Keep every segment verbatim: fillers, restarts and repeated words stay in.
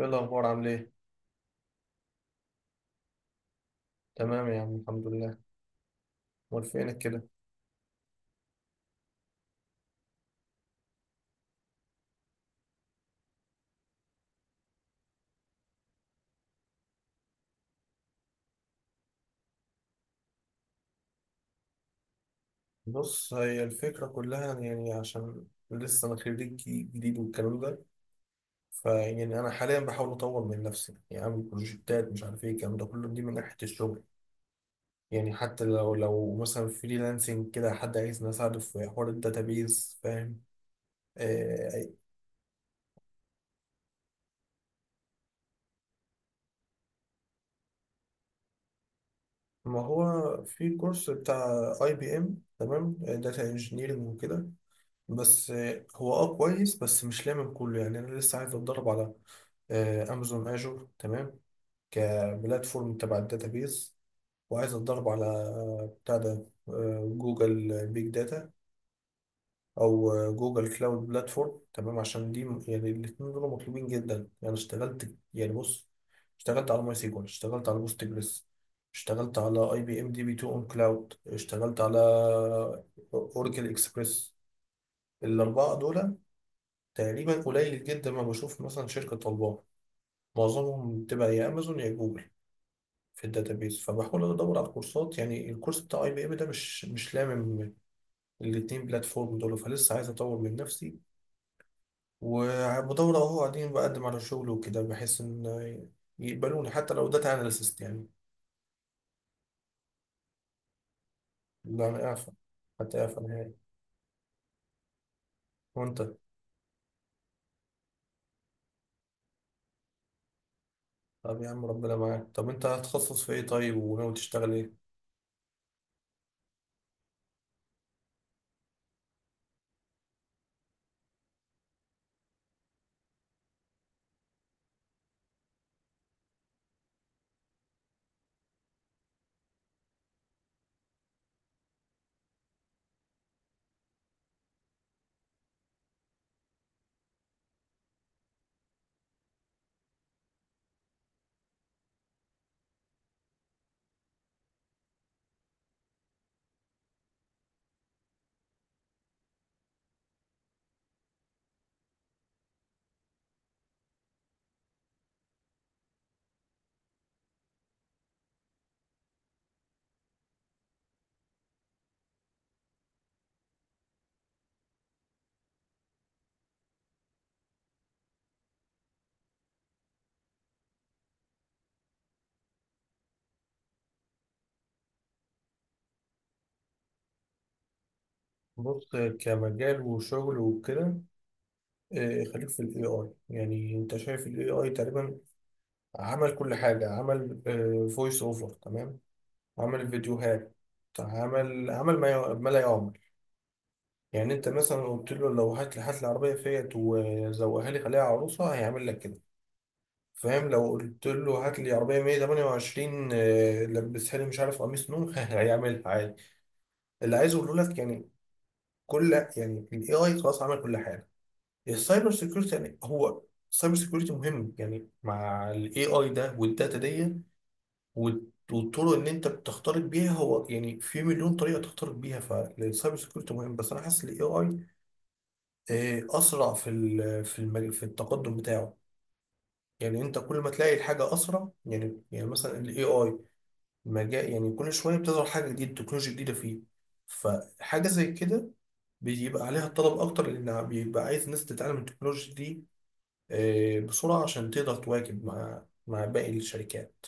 ايه الأخبار عامل ايه؟ تمام يا عم الحمد لله، أمال فينك كده؟ بص، هي الفكرة كلها يعني عشان لسه أنا خريج جديد والكلام ده. فيعني أنا حاليا بحاول أطور من نفسي، يعني أعمل بروجكتات مش عارف ايه الكلام ده كله. دي من ناحية الشغل، يعني حتى لو لو مثلا فريلانسنج كده حد عايزني أساعده في حوار الداتابيز. فاهم؟ آه. ما هو في كورس بتاع اي بي ام، تمام، داتا انجينيرنج وكده. بس آه، هو اه كويس، بس مش لامم كله. يعني انا لسه عايز اتدرب على آه، امازون اجور، تمام، كبلاتفورم تبع الداتابيز. وعايز اتدرب على آه، بتاع ده آه، جوجل بيج داتا او آه، جوجل كلاود بلاتفورم، تمام، عشان دي م- يعني الاثنين دول مطلوبين جدا. يعني اشتغلت، يعني، بص، اشتغلت على ماي سيكوال، اشتغلت على بوست جريس، اشتغلت على اي بي ام دي بي اتنين اون كلاود، اشتغلت على اوراكل اكسبريس. الاربعه دول تقريبا قليل جدا ما بشوف مثلا شركة طالباه، معظمهم بتبقى يا امازون يا جوجل في الداتابيز. فبحاول ادور على الكورسات. يعني الكورس بتاع اي بي ام ده مش مش لامم الاتنين بلاتفورم دول، فلسه عايز اطور من نفسي وبدور. اهو قاعدين بقدم على شغل وكده بحيث ان يقبلوني حتى لو داتا اناليست يعني. لا انا اعفى، حتى اعفى نهائي. وانت؟ طب يا عم ربنا معاك، طب انت هتخصص في ايه طيب وناوي تشتغل ايه؟ بص، كمجال وشغل وكده، آه، خليك في الاي اي. يعني انت شايف الاي اي تقريبا عمل كل حاجه، عمل فويس اوفر، تمام، عمل فيديوهات، عمل عمل ما ي- ما لا يعمل. يعني انت مثلا قلت له لو هات لي هات لي عربيه فيات وزوقها لي خليها عروسه، هيعمل لك كده. فاهم؟ لو قلت له هات لي عربيه مائة وثمانية وعشرين، آه، لبسها لي مش عارف قميص نوم هيعملها عادي. اللي عايز اقوله لك يعني، كل، يعني الاي اي خلاص عمل كل حاجه. السايبر سيكيورتي يعني، هو السايبر سيكيورتي مهم يعني مع الاي اي ده والداتا دي وال- والطرق اللي انت بتختلط بيها، هو يعني في مليون طريقه تختلط بيها. فالسايبر سيكيورتي مهم، بس انا حاسس الاي اي اسرع في ال- في المج- في التقدم بتاعه. يعني انت كل ما تلاقي الحاجه اسرع، يعني يعني مثلا الاي اي مجال يعني كل شويه بتظهر حاجه جديده، تكنولوجيا جديده فيه. فحاجه زي كده بيبقى عليها طلب اكتر، لان بيبقى عايز ناس تتعلم التكنولوجيا دي آه، بسرعة عشان تقدر تواكب مع مع باقي الشركات.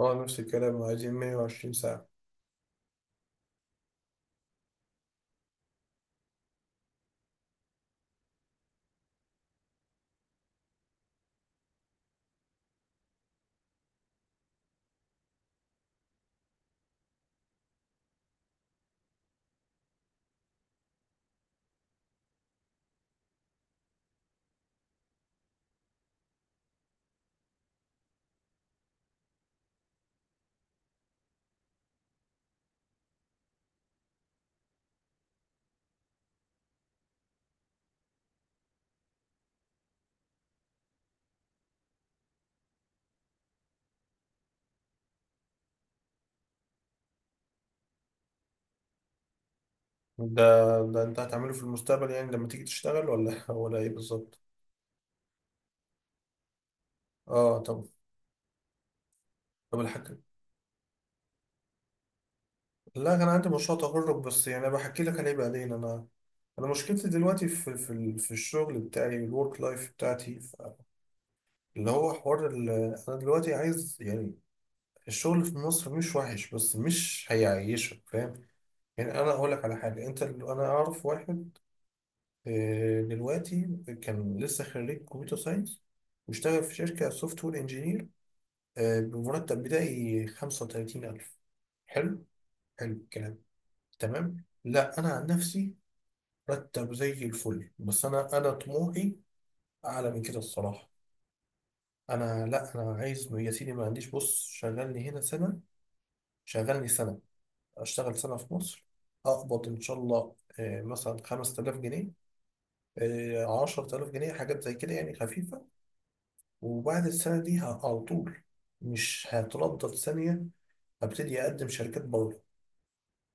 اه، نفس الكلام، عايزين 120 ساعة. ده ده انت هتعمله في المستقبل يعني لما تيجي تشتغل، ولا ولا ايه بالظبط؟ اه طب. طب الحاجة، لا كان عندي مشروع تخرج بس يعني انا بحكي لك عليه بعدين. انا انا مشكلتي دلوقتي في في ال- في الشغل بتاعي، الورك لايف بتاعتي. ف- اللي هو حوار ال- انا دلوقتي عايز يعني، الشغل في مصر مش وحش بس مش هيعيشك. فاهم؟ يعني انا اقول لك على حاجة، انت انا اعرف واحد آه، دلوقتي كان لسه خريج كمبيوتر ساينس واشتغل في شركة سوفت وير انجينير بمرتب بدائي خمسة وثلاثين ألف. حلو، حلو الكلام. تمام. لا أنا عن نفسي مرتب زي الفل، بس أنا أنا طموحي أعلى من كده الصراحة. أنا، لا، أنا عايز يا سيدي، ما عنديش. بص، شغلني هنا سنة، شغلني سنة، أشتغل سنة في مصر، أقبض إن شاء الله آه، مثلا خمسة آلاف جنيه، آه، عشرة آلاف جنيه، حاجات زي كده يعني خفيفة. وبعد السنة دي ه- على طول، مش هتردد ثانية، هبتدي أقدم شركات بره.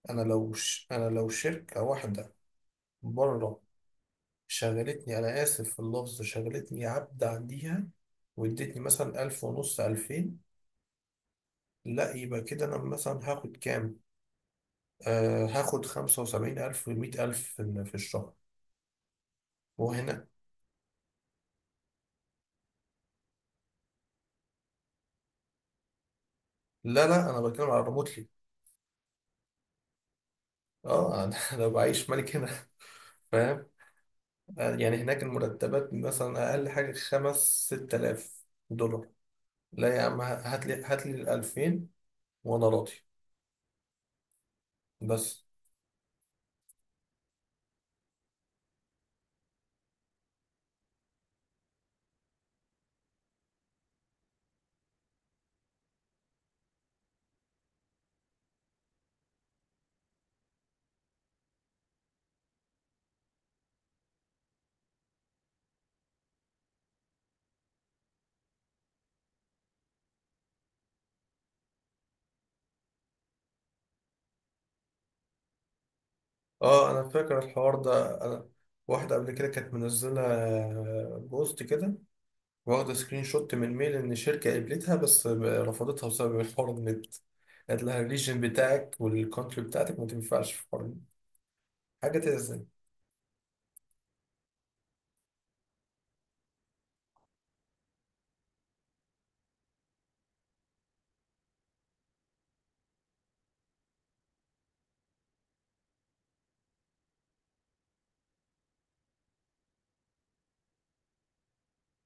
أنا لو ش... أنا لو شركة واحدة بره شغلتني، أنا آسف في اللفظ، شغلتني عبد عنديها وادتني مثلا ألف ونص، ألفين، لا يبقى كده. أنا مثلا هاخد كام؟ آه، هاخد خمسة وسبعين ألف ومية ألف في ال- في الشهر. وهنا. لا لا أنا بتكلم على ريموتلي. اه انا أنا بعيش ملك هنا، فاهم؟ يعني هناك المرتبات مثلا أقل حاجة خمس، ست آلاف دولار. لا يا عم، هات لي هات لي الألفين وأنا راضي، بس. اه، أنا فاكر الحوار ده. أنا واحدة قبل كده كانت منزلة بوست كده، واخدة سكرين شوت من ميل إن شركة قبلتها بس رفضتها بسبب الحوار النت، قالت لها الريجن بتاعك والكونتري بتاعتك ما تنفعش في حوار النت. حاجة تأذن.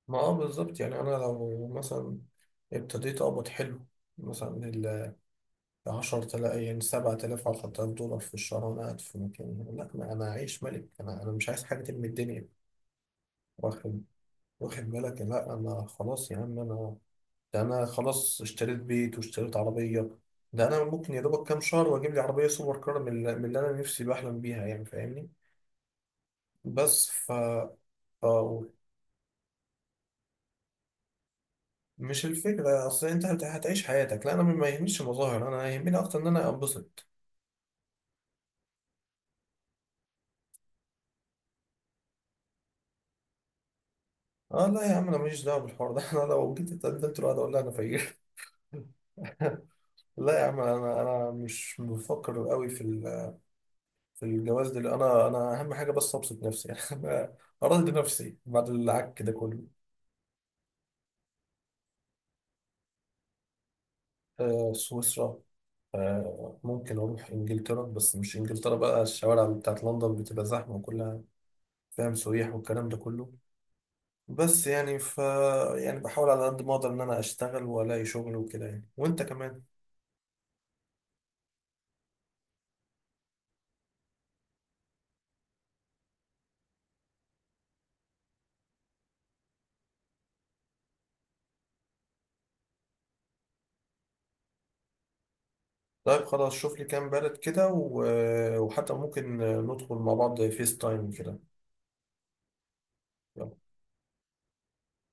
ما اه، بالظبط. يعني أنا لو مثلا ابتديت أقبض حلو مثلا عشرة آلاف، يعني سبعة آلاف، عشرة آلاف دولار في الشهر، وأنا قاعد في مكاني، لا ما أنا عايش ملك. أنا أنا مش عايز حاجة من الدنيا. واخد، واخد بالك. لا أنا خلاص يا عم، أنا، ده أنا خلاص اشتريت بيت واشتريت عربية. ده أنا ممكن يا دوبك كام شهر وأجيب لي عربية سوبر كار من اللي من اللي أنا نفسي بحلم بيها، يعني فاهمني؟ بس، ف ف- مش الفكرة، أصل أنت هت- هتعيش حياتك. لا أنا ما يهمنيش المظاهر، أنا يهمني أكتر إن أنا أنبسط. اه لا يا عم، انا ماليش دعوه بالحوار ده انا لو جيت اتقدمت لواحد اقول لها انا فقير. لا يا عم، انا انا مش بفكر قوي في ال- في الجواز ده. انا انا اهم حاجه بس ابسط نفسي، يعني انا ارضي نفسي بعد العك ده كله. آه، سويسرا. آه، ممكن اروح انجلترا، بس مش انجلترا بقى، الشوارع بتاعت لندن بتبقى زحمه وكلها فاهم، سياح والكلام ده كله. بس يعني، ف يعني بحاول على قد ما اقدر ان انا اشتغل والاقي شغل وكده يعني، وانت كمان. طيب خلاص شوف لي كام بلد كده و... وحتى ممكن ندخل مع بعض فيس تايم كده. يلا.